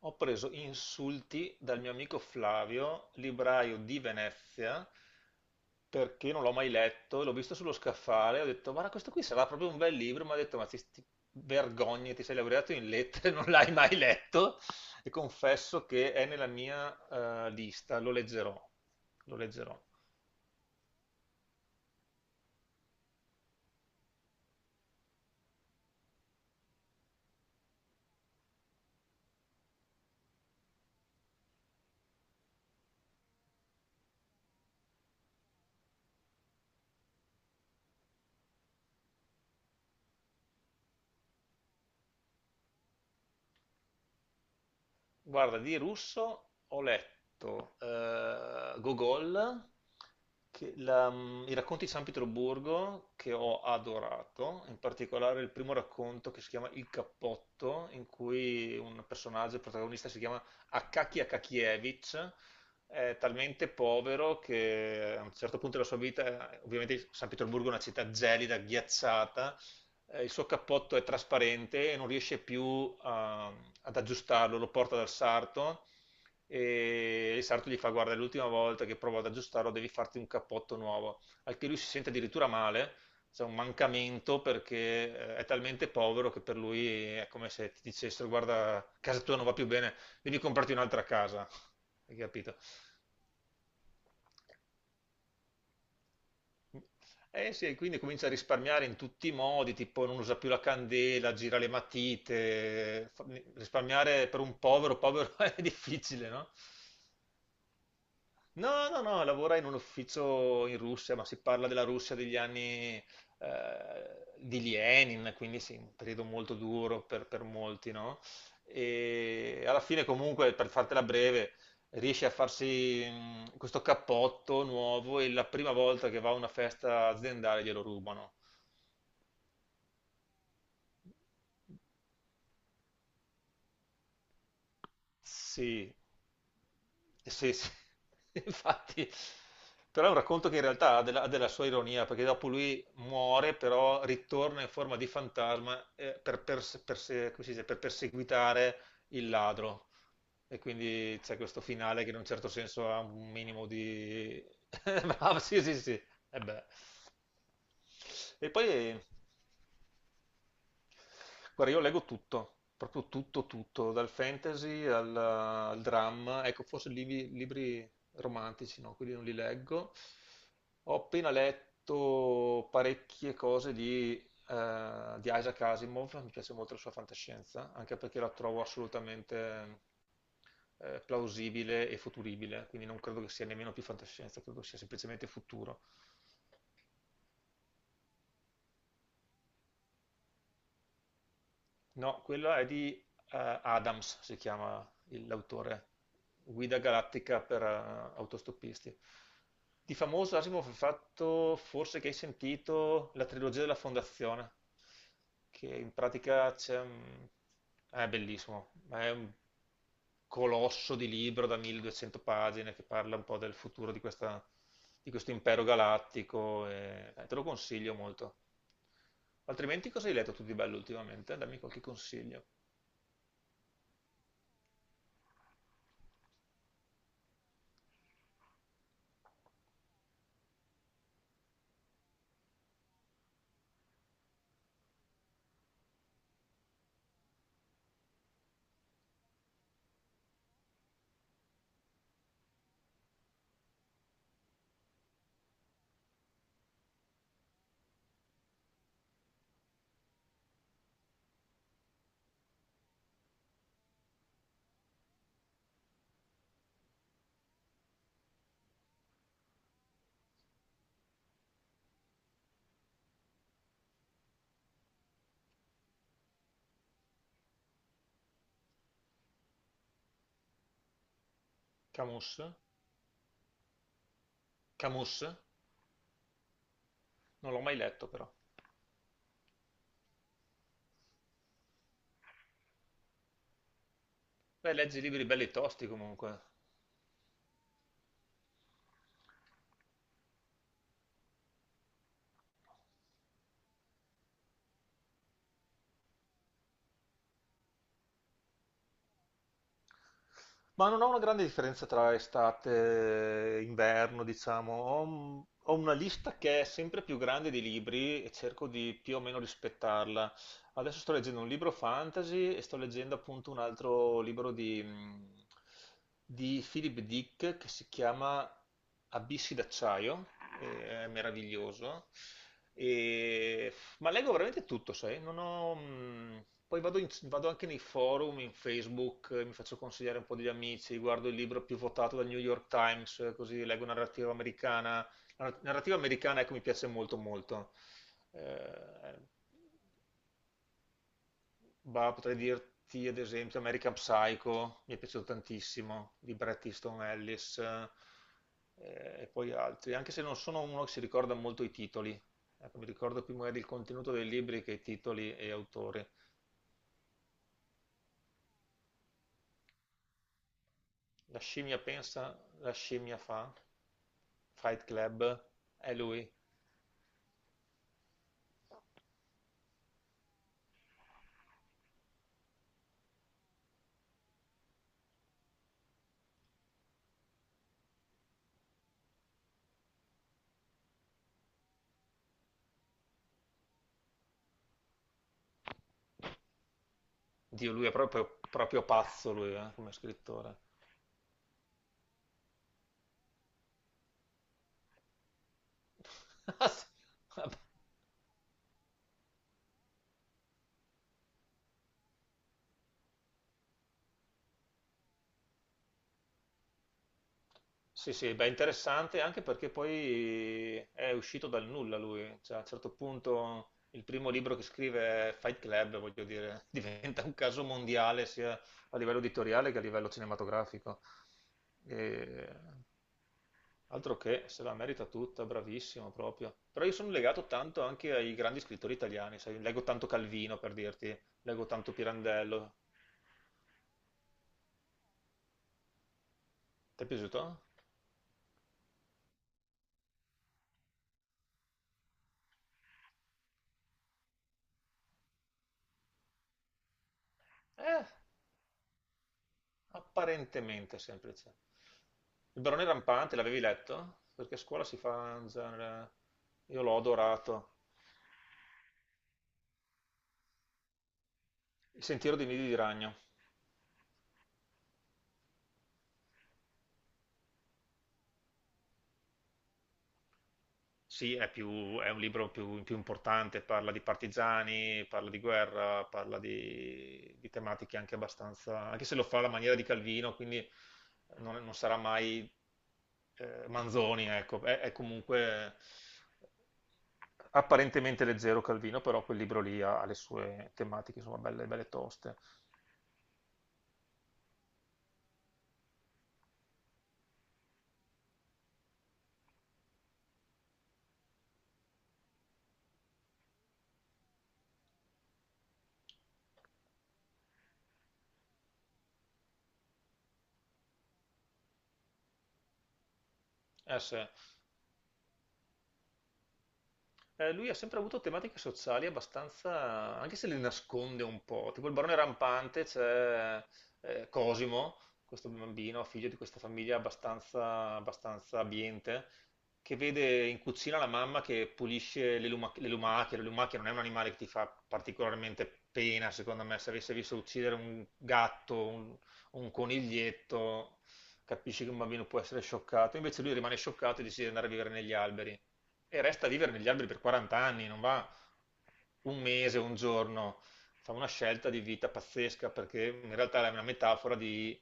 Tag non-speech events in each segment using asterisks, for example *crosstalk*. Ho preso insulti dal mio amico Flavio, libraio di Venezia, perché non l'ho mai letto. L'ho visto sullo scaffale, ho detto, guarda, questo qui sarà proprio un bel libro. Mi ha detto, ma ti vergogni, ti sei laureato in lettere, *laughs* non l'hai mai letto, e confesso che è nella mia lista, lo leggerò, lo leggerò. Guarda, di russo ho letto Gogol, i racconti di San Pietroburgo che ho adorato, in particolare il primo racconto che si chiama Il cappotto, in cui un personaggio, il protagonista, si chiama Akaki Akakievich, è talmente povero che a un certo punto della sua vita, ovviamente San Pietroburgo è una città gelida, ghiacciata, il suo cappotto è trasparente e non riesce più ad aggiustarlo, lo porta dal sarto e il sarto gli fa guarda, è l'ultima volta che provo ad aggiustarlo, devi farti un cappotto nuovo, al che lui si sente addirittura male, c'è un mancamento perché è talmente povero che per lui è come se ti dicessero guarda, casa tua non va più bene, devi comprarti un'altra casa, hai capito? Eh sì, e quindi comincia a risparmiare in tutti i modi, tipo non usa più la candela, gira le matite, risparmiare per un povero, povero *laughs* è difficile, no? No, no, no, lavora in un ufficio in Russia, ma si parla della Russia degli anni di Lenin, quindi sì, un periodo molto duro per molti, no? E alla fine comunque, per fartela breve, riesce a farsi questo cappotto nuovo e la prima volta che va a una festa aziendale glielo rubano. Sì. Sì, sì, *laughs* infatti, però è un racconto che in realtà ha della sua ironia, perché dopo lui muore, però ritorna in forma di fantasma come si dice, per perseguitare il ladro. E quindi c'è questo finale che in un certo senso ha un minimo di. *laughs* Bravo, sì, sì, sì. E beh. E poi, guarda, io leggo tutto, proprio tutto, tutto, dal fantasy al dramma, ecco, forse libri romantici, no, quelli non li leggo. Ho appena letto parecchie cose di Isaac Asimov, mi piace molto la sua fantascienza, anche perché la trovo assolutamente plausibile e futuribile, quindi non credo che sia nemmeno più fantascienza, credo sia semplicemente futuro. No, quella è di Adams, si chiama l'autore, Guida galattica per autostoppisti. Di famoso Asimov ha fatto, forse che hai sentito, la trilogia della Fondazione, che in pratica è bellissimo, ma è un colosso di libro da 1.200 pagine che parla un po' del futuro di di questo impero galattico e te lo consiglio molto. Altrimenti cosa hai letto tu di bello ultimamente? Dammi qualche consiglio. Camus? Camus? Non l'ho mai letto però. Beh, leggi libri belli tosti comunque. Ma non ho una grande differenza tra estate e inverno, diciamo. Ho una lista che è sempre più grande di libri e cerco di più o meno rispettarla. Adesso sto leggendo un libro fantasy e sto leggendo appunto un altro libro di Philip Dick che si chiama Abissi d'acciaio, e è meraviglioso. E Ma leggo veramente tutto, sai? Non ho. Poi vado anche nei forum, in Facebook, mi faccio consigliare un po' degli amici, guardo il libro più votato dal New York Times, così leggo narrativa americana. La narrativa americana, ecco, mi piace molto, molto. Eh, Bah, potrei dirti ad esempio American Psycho, mi è piaciuto tantissimo, di Bret Easton Ellis e poi altri, anche se non sono uno che si ricorda molto i titoli. Ecco, mi ricordo più magari il contenuto dei libri che i titoli e autori. La scimmia pensa, la scimmia fa, Fight Club, è lui. Dio lui è proprio, proprio pazzo lui, come scrittore. *laughs* Ah, sì. Vabbè. Sì, sì, beh, interessante anche perché poi è uscito dal nulla lui, cioè a un certo punto il primo libro che scrive è Fight Club, voglio dire, *laughs* diventa un caso mondiale sia a livello editoriale che a livello cinematografico. E... Altro che se la merita tutta, bravissimo proprio. Però io sono legato tanto anche ai grandi scrittori italiani, sai, leggo tanto Calvino per dirti, leggo tanto Pirandello. Ti è piaciuto? Eh. Apparentemente semplice. Il barone rampante, l'avevi letto? Perché a scuola si fa già. Io l'ho adorato. Il sentiero dei nidi di ragno. Sì, è è un libro più importante, parla di partigiani, parla di guerra, parla di tematiche anche abbastanza, anche se lo fa alla maniera di Calvino, quindi non sarà mai Manzoni, ecco, è comunque apparentemente leggero Calvino, però quel libro lì ha le sue tematiche, insomma, belle, belle toste. Eh sì. Lui ha sempre avuto tematiche sociali abbastanza, anche se le nasconde un po', tipo il barone rampante, c'è Cosimo, questo bambino, figlio di questa famiglia abbastanza, abbastanza abbiente, che vede in cucina la mamma che pulisce le lumache, la lumache non è un animale che ti fa particolarmente pena, secondo me, se avesse visto uccidere un gatto, un coniglietto, capisci che un bambino può essere scioccato, invece lui rimane scioccato e decide di andare a vivere negli alberi e resta a vivere negli alberi per 40 anni, non va un mese, un giorno, fa una scelta di vita pazzesca perché in realtà è una metafora di,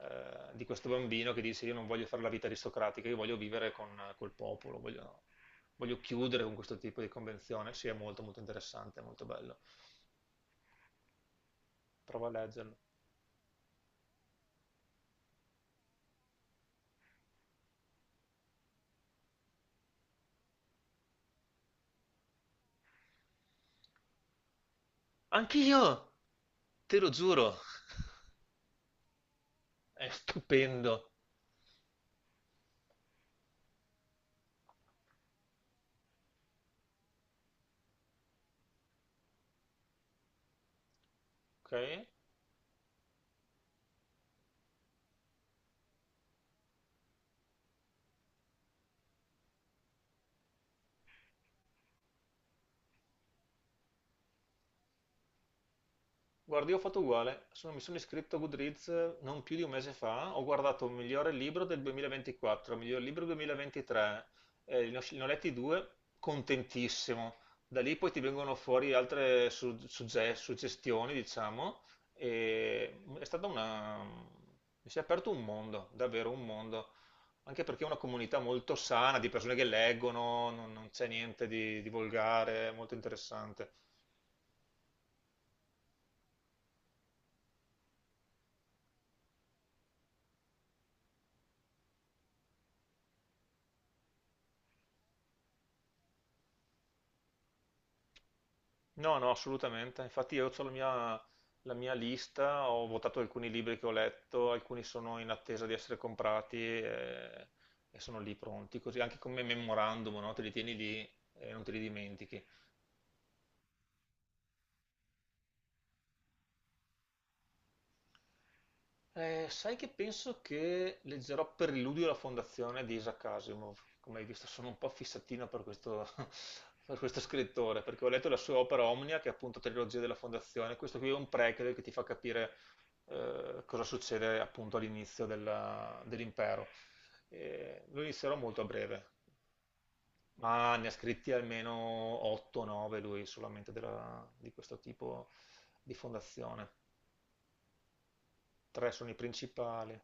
eh, di questo bambino che dice io non voglio fare la vita aristocratica, io voglio vivere con, col popolo, voglio chiudere con questo tipo di convenzione, sì è molto molto interessante, è molto bello, prova a leggerlo. Anch'io, te lo giuro, è stupendo, ok? Guarda, io ho fatto uguale, mi sono iscritto a Goodreads non più di un mese fa, ho guardato il migliore libro del 2024, il miglior libro 2023, ne ho letti due, contentissimo. Da lì poi ti vengono fuori altre suggestioni, diciamo, e è stata una... mi si è aperto un mondo, davvero un mondo, anche perché è una comunità molto sana di persone che leggono, non c'è niente di volgare, è molto interessante. No, no, assolutamente. Infatti io ho la mia lista, ho votato alcuni libri che ho letto, alcuni sono in attesa di essere comprati e sono lì pronti, così anche come memorandum, no? Te li tieni lì e non te li dimentichi. Sai che penso che leggerò Per l'illudio e la fondazione di Isaac Asimov. Come hai visto, sono un po' fissatino per questo, *laughs* per questo scrittore, perché ho letto la sua opera Omnia, che è appunto Trilogia della fondazione. Questo qui è un prequel che ti fa capire cosa succede appunto dell'impero. Lo inizierò molto a breve, ma ne ha scritti almeno 8-9 lui solamente di questo tipo di fondazione. Tre sono i principali.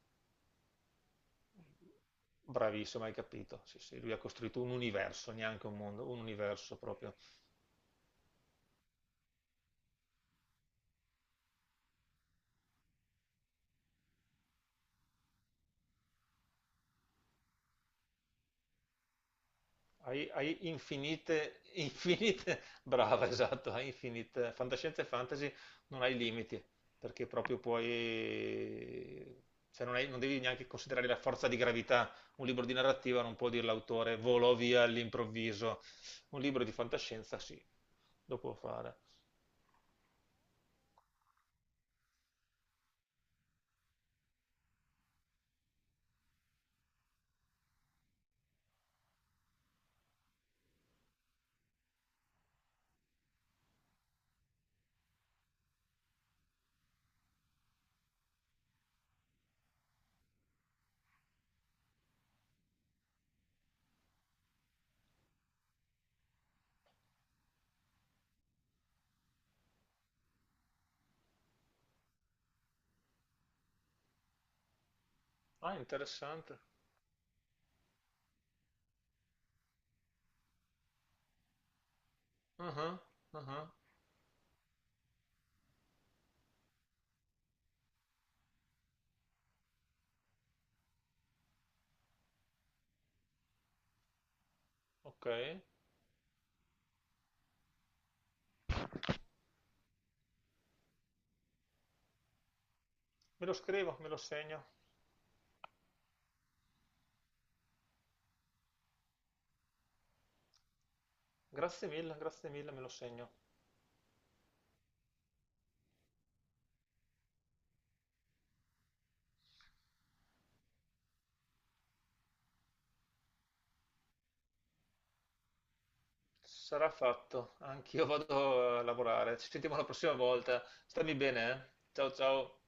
Bravissimo, hai capito. Sì, sì, lui ha costruito un universo, neanche un mondo, un universo proprio. Hai infinite, infinite, *laughs* brava, esatto, hai infinite, fantascienza e fantasy non hai limiti, perché proprio puoi, cioè non devi neanche considerare la forza di gravità. Un libro di narrativa non può dire l'autore volò via all'improvviso. Un libro di fantascienza sì, lo può fare. Ah, interessante. Ah, ah, ah, ah. Ok. Me lo scrivo, me lo segno. Grazie mille, me lo segno. Sarà fatto. Anch'io vado a lavorare. Ci sentiamo la prossima volta. Stammi bene, eh? Ciao ciao.